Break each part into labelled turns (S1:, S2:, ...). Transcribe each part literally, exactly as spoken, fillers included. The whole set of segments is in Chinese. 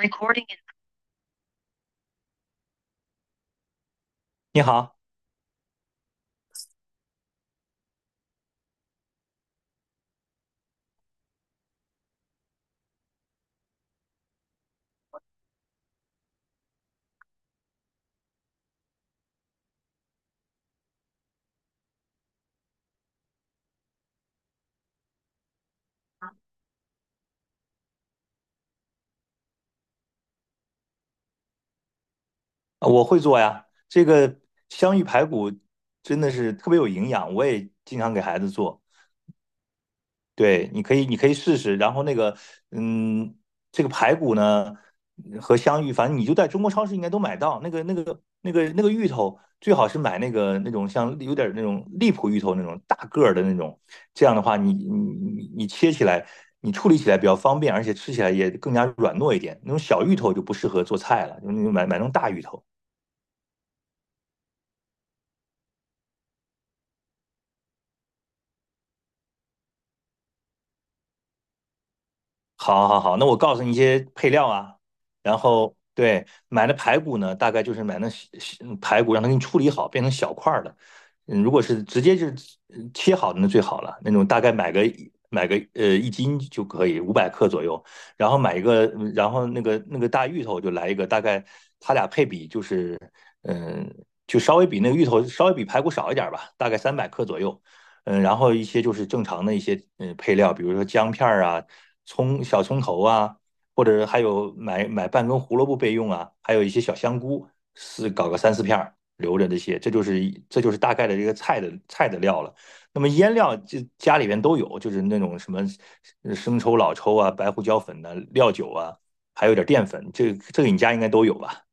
S1: Recording in 你好，我会做呀。这个香芋排骨真的是特别有营养，我也经常给孩子做。对，你可以，你可以试试。然后那个，嗯，这个排骨呢和香芋，反正你就在中国超市应该都买到。那个、那个、那个、那个芋头，最好是买那个那种像有点那种荔浦芋头那种大个儿的那种。这样的话你，你你你切起来，你处理起来比较方便，而且吃起来也更加软糯一点。那种小芋头就不适合做菜了，就那种买买那种大芋头。好，好，好，那我告诉你一些配料啊，然后对，买的排骨呢，大概就是买那小小嗯排骨，让它给你处理好，变成小块儿的。嗯，如果是直接就是嗯切好的那最好了，那种大概买个一买个呃一斤就可以，五百克左右。然后买一个，嗯然后那个那个大芋头就来一个，大概它俩配比就是，嗯，就稍微比那个芋头稍微比排骨少一点儿吧，大概三百克左右。嗯，然后一些就是正常的一些嗯配料，比如说姜片儿啊、葱、小葱头啊，或者还有买买半根胡萝卜备用啊，还有一些小香菇，是搞个三四片儿留着这些，这就是一这就是大概的这个菜的菜的料了。那么腌料这家里边都有，就是那种什么呃生抽、老抽啊、白胡椒粉呐、料酒啊，还有点淀粉，这这个你家应该都有吧？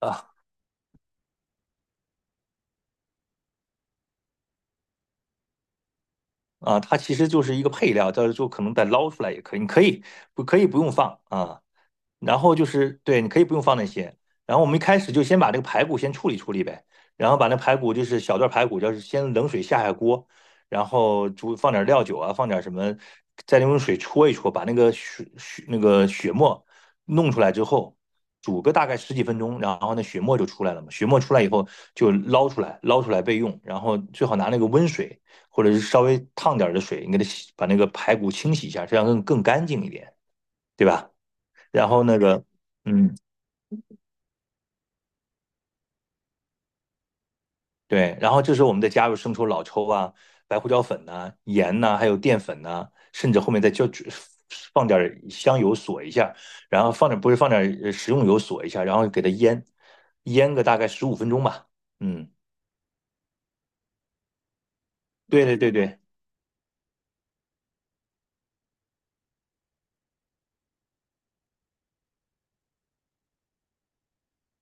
S1: 啊啊，它其实就是一个配料，到时候可能再捞出来也可以，你可以不可以不用放啊？然后就是对，你可以不用放那些。然后我们一开始就先把这个排骨先处理处理呗，然后把那排骨就是小段排骨，就是先冷水下下锅，然后煮放点料酒啊，放点什么，再用水搓一搓，把那个血血那个血沫弄出来之后，煮个大概十几分钟，然后那血沫就出来了嘛。血沫出来以后就捞出来，捞出来备用。然后最好拿那个温水或者是稍微烫点的水，你给它洗，把那个排骨清洗一下，这样更更干净一点，对吧？然后那个，嗯，对，然后这时候我们再加入生抽、老抽啊、白胡椒粉呐、盐呐、还有淀粉呐、甚至后面再就放点儿香油锁一下，然后放点不是放点儿呃食用油锁一下，然后给它腌，腌个大概十五分钟吧。嗯，对对对对。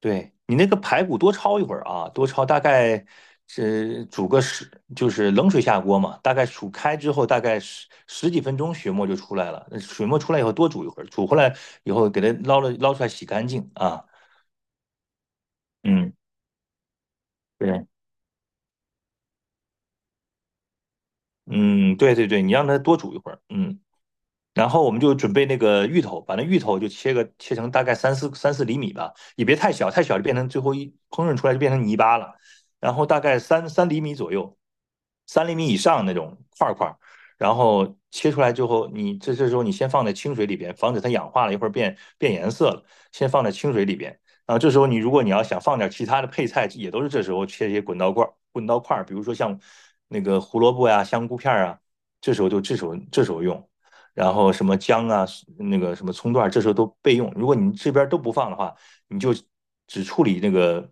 S1: 对你那个排骨多焯一会儿啊，多焯大概是煮个十，就是冷水下锅嘛，大概煮开之后大概十十几分钟血沫就出来了。那水沫出来以后多煮一会儿，煮回来以后给它捞了捞出来洗干净啊。嗯，对，嗯，对对对，你让它多煮一会儿，嗯。然后我们就准备那个芋头，把那芋头就切个切成大概三四三四厘米吧，也别太小，太小就变成最后一烹饪出来就变成泥巴了。然后大概三三厘米左右，三厘米以上那种块儿块儿，然后切出来之后，你这这时候你先放在清水里边，防止它氧化了，一会儿变变颜色了，先放在清水里边。然后这时候你如果你要想放点其他的配菜，也都是这时候切一些滚刀块儿滚刀块儿，比如说像那个胡萝卜呀、香菇片儿啊，这时候就这时候这时候用。然后什么姜啊，那个什么葱段，这时候都备用。如果你这边都不放的话，你就只处理那个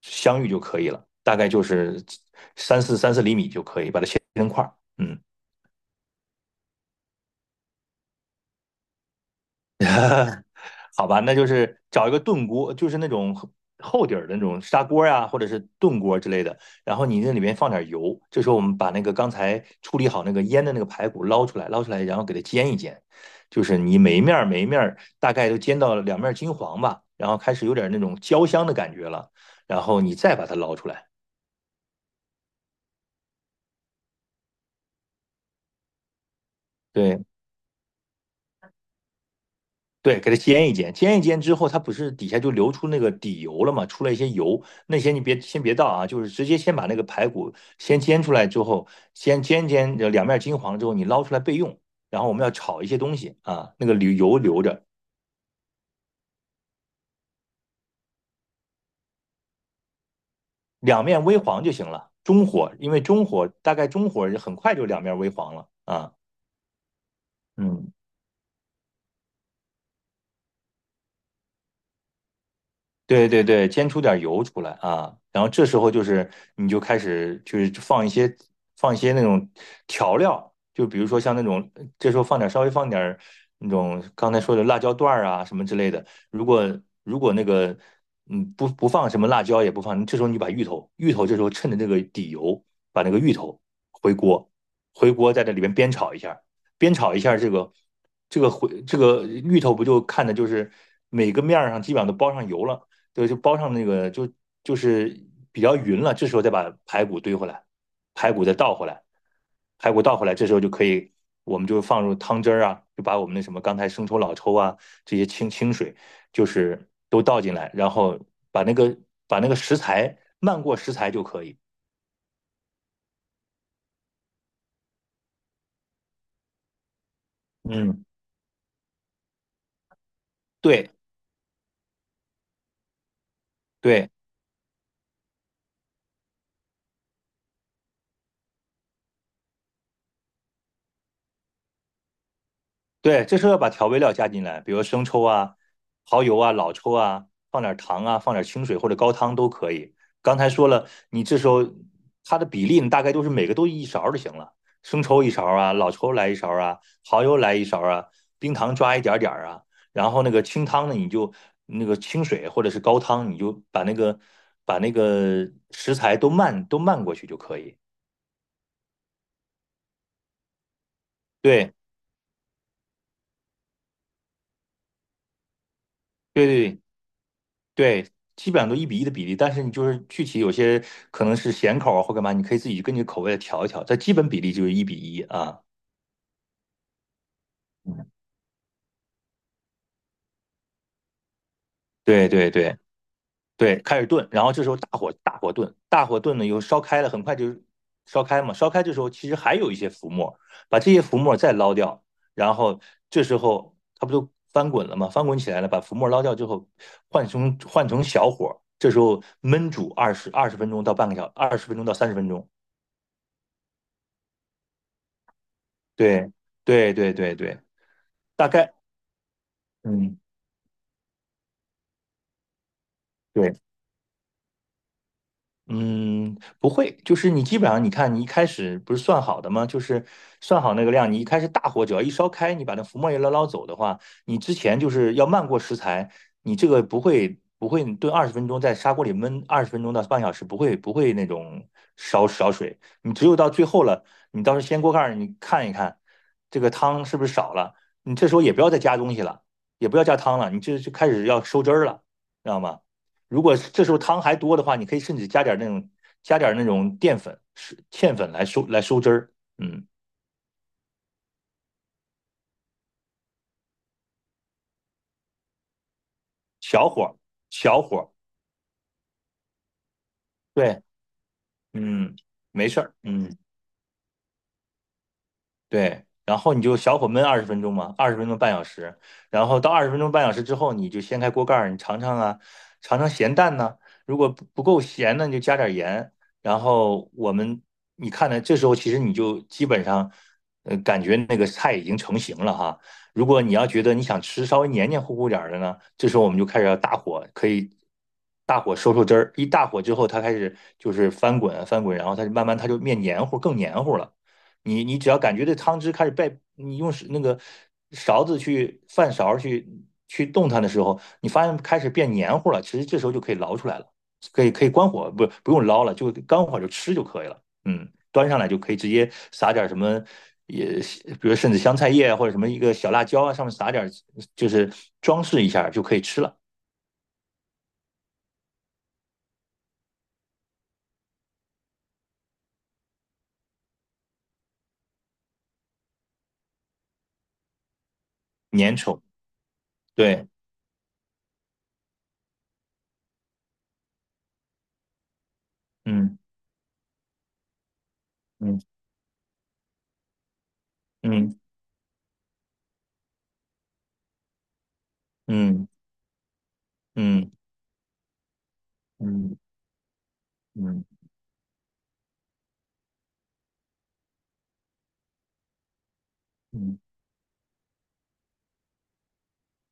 S1: 香芋就可以了，大概就是三四三四厘米就可以把它切成块儿。嗯。好吧，那就是找一个炖锅，就是那种厚厚底儿的那种砂锅呀、或者是炖锅之类的。然后你那里面放点油，这时候我们把那个刚才处理好那个腌的那个排骨捞出来，捞出来，然后给它煎一煎。就是你每一面儿每一面儿大概都煎到两面金黄吧，然后开始有点那种焦香的感觉了，然后你再把它捞出来。对，对，给它煎一煎，煎一煎之后，它不是底下就流出那个底油了嘛，出来一些油，那些你别先别倒啊，就是直接先把那个排骨先煎出来之后，先煎煎呃两面金黄了之后，你捞出来备用。然后我们要炒一些东西啊，那个留油留着，两面微黄就行了。中火，因为中火大概中火很快就两面微黄了啊。嗯。对对对，煎出点油出来啊，然后这时候就是你就开始就是放一些放一些那种调料，就比如说像那种这时候放点稍微放点儿那种刚才说的辣椒段儿啊什么之类的。如果如果那个嗯不不放什么辣椒也不放，这时候你把芋头芋头这时候趁着这个底油把那个芋头回锅回锅在这里边煸炒一下，煸炒一下这个这个回这个芋头不就看的就是每个面儿上基本上都包上油了。对，就包上那个就就是比较匀了，这时候再把排骨堆回来，排骨再倒回来，排骨倒回来，这时候就可以，我们就放入汤汁儿啊，就把我们那什么刚才生抽、老抽啊这些清清水，就是都倒进来，然后把那个把那个食材漫过食材就可以。嗯，对对。对，这时候要把调味料加进来，比如生抽啊、蚝油啊、老抽啊，放点糖啊，放点清水或者高汤都可以。刚才说了，你这时候它的比例，你大概都是每个都一勺就行了，生抽一勺啊，老抽来一勺啊，蚝油来一勺啊，冰糖抓一点点儿啊，然后那个清汤呢，你就那个清水或者是高汤，你就把那个把那个食材都漫都漫过去就可以。对对对。对，基本上都一比一的比例，但是你就是具体有些可能是咸口啊或干嘛，你可以自己根据口味来调一调，但基本比例就是一比一啊。嗯对对对对，开始炖，然后这时候大火大火炖，大火炖呢又烧开了，很快就烧开嘛，烧开这时候其实还有一些浮沫，把这些浮沫再捞掉，然后这时候它不就翻滚了吗？翻滚起来了，把浮沫捞掉之后，换成换成小火，这时候焖煮二十二十分钟到半个小，二十分钟到三十分钟。对对对对对，大概，嗯，对。嗯，不会，就是你基本上，你看你一开始不是算好的吗？就是算好那个量，你一开始大火只要一烧开，你把那浮沫一捞捞走的话，你之前就是要漫过食材，你这个不会不会炖二十分钟，在砂锅里焖二十分钟到半小时，不会不会那种烧烧水，你只有到最后了，你到时候掀锅盖儿，你看一看这个汤是不是少了，你这时候也不要再加东西了，也不要加汤了，你这就开始要收汁儿了，知道吗？如果这时候汤还多的话，你可以甚至加点那种加点那种淀粉、是芡粉来收来收汁儿。嗯，小火小火，对，嗯，没事儿，嗯。对，然后你就小火焖二十分钟嘛，二十分钟半小时，然后到二十分钟半小时之后，你就掀开锅盖儿，你尝尝啊，尝尝咸淡呢、如果不不够咸呢，你就加点盐。然后我们你看呢，这时候其实你就基本上，呃，感觉那个菜已经成型了哈。如果你要觉得你想吃稍微黏黏糊糊点儿的呢，这时候我们就开始要大火，可以大火收收汁儿。一大火之后，它开始就是翻滚啊翻滚，然后它就慢慢它就面黏糊，更黏糊了。你你只要感觉这汤汁开始被你用那个勺子去饭勺去去动它的时候，你发现开始变黏糊了，其实这时候就可以捞出来了，可以可以关火，不不用捞了，就关火就吃就可以了。嗯，端上来就可以直接撒点什么，也比如甚至香菜叶啊或者什么一个小辣椒啊，上面撒点就是装饰一下就可以吃了，粘稠。对，嗯嗯嗯嗯嗯嗯嗯嗯。嗯嗯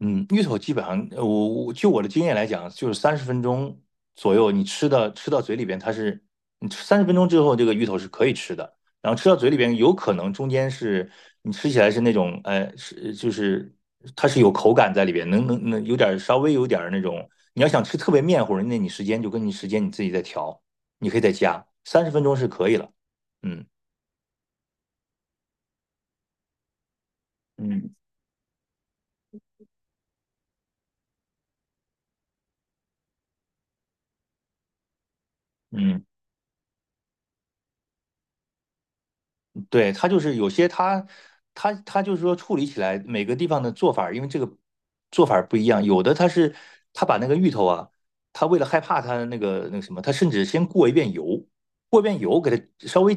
S1: 嗯，芋头基本上，呃我我就我的经验来讲，就是三十分钟左右，你吃到吃到嘴里边，它是你吃三十分钟之后，这个芋头是可以吃的。然后吃到嘴里边，有可能中间是你吃起来是那种，呃，是就是它是有口感在里边，能能能有点儿稍微有点儿那种。你要想吃特别面糊，那你时间就跟你时间你自己再调，你可以再加，三十分钟是可以了。嗯嗯。嗯。对，它就是有些它它它就是说处理起来每个地方的做法儿因为这个做法儿不一样，有的它是它把那个芋头啊，它为了害怕它那个那个什么，它甚至先过一遍油，过一遍油给它稍微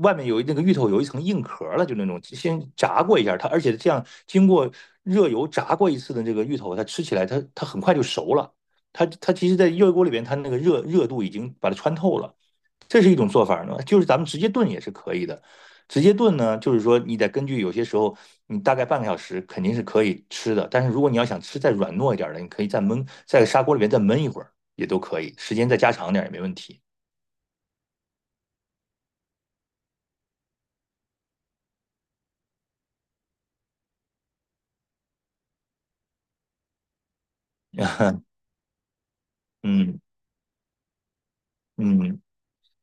S1: 外面有那个芋头有一层硬壳儿了，就那种先炸过一下儿它，而且这样经过热油炸过一次的这个芋头，它吃起来它它很快就熟了，它它其实在热锅里边它那个热热度已经把它穿透了，这是一种做法呢，就是咱们直接炖也是可以的。直接炖呢，就是说你得根据有些时候，你大概半个小时肯定是可以吃的。但是如果你要想吃再软糯一点的，你可以再焖，在砂锅里面再焖一会儿也都可以，时间再加长点也没问题。嗯嗯，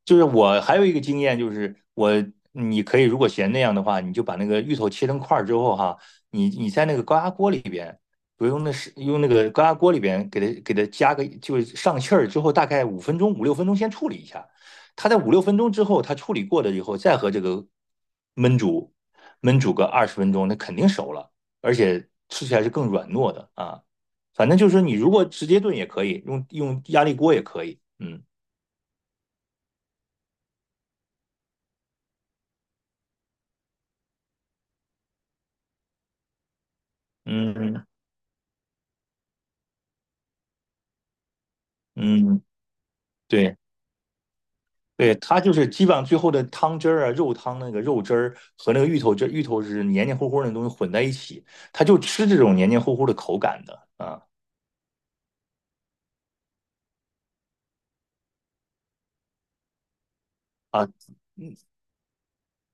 S1: 就是我还有一个经验，就是我你可以如果嫌那样的话，你就把那个芋头切成块儿之后哈，你你在那个高压锅里边，不用那是用那个高压锅里边给它给它加个就是上气儿之后，大概五分钟五六分钟先处理一下，它在五六分钟之后，它处理过了以后，再和这个焖煮焖煮个二十分钟，那肯定熟了，而且吃起来是更软糯的啊。反正就是你如果直接炖也可以，用用压力锅也可以，嗯嗯嗯。对对，它就是基本上最后的汤汁儿啊、肉汤那个肉汁儿和那个芋头汁、芋头是黏黏糊糊的东西混在一起，它就吃这种黏黏糊糊的口感的啊。啊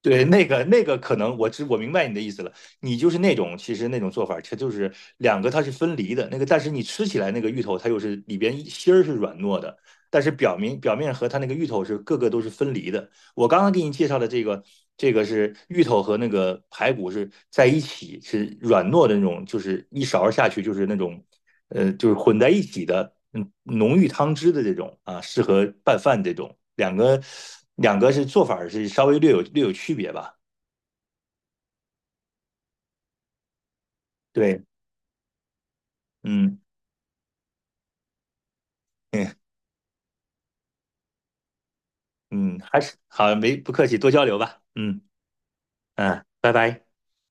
S1: 对，那个那个可能我知我明白你的意思了，你就是那种其实那种做法，它就是两个它是分离的，那个但是你吃起来那个芋头它又是里边芯儿是软糯的，但是表面表面和它那个芋头是各个都是分离的。我刚刚给你介绍的这个这个是芋头和那个排骨是在一起是软糯的那种，就是一勺下去就是那种呃，就是混在一起的，嗯，浓郁汤汁的这种啊，适合拌饭这种。两个两个是做法是稍微略有略有区别吧？对，嗯嗯嗯，还是好，没不客气，多交流吧。嗯嗯，拜拜。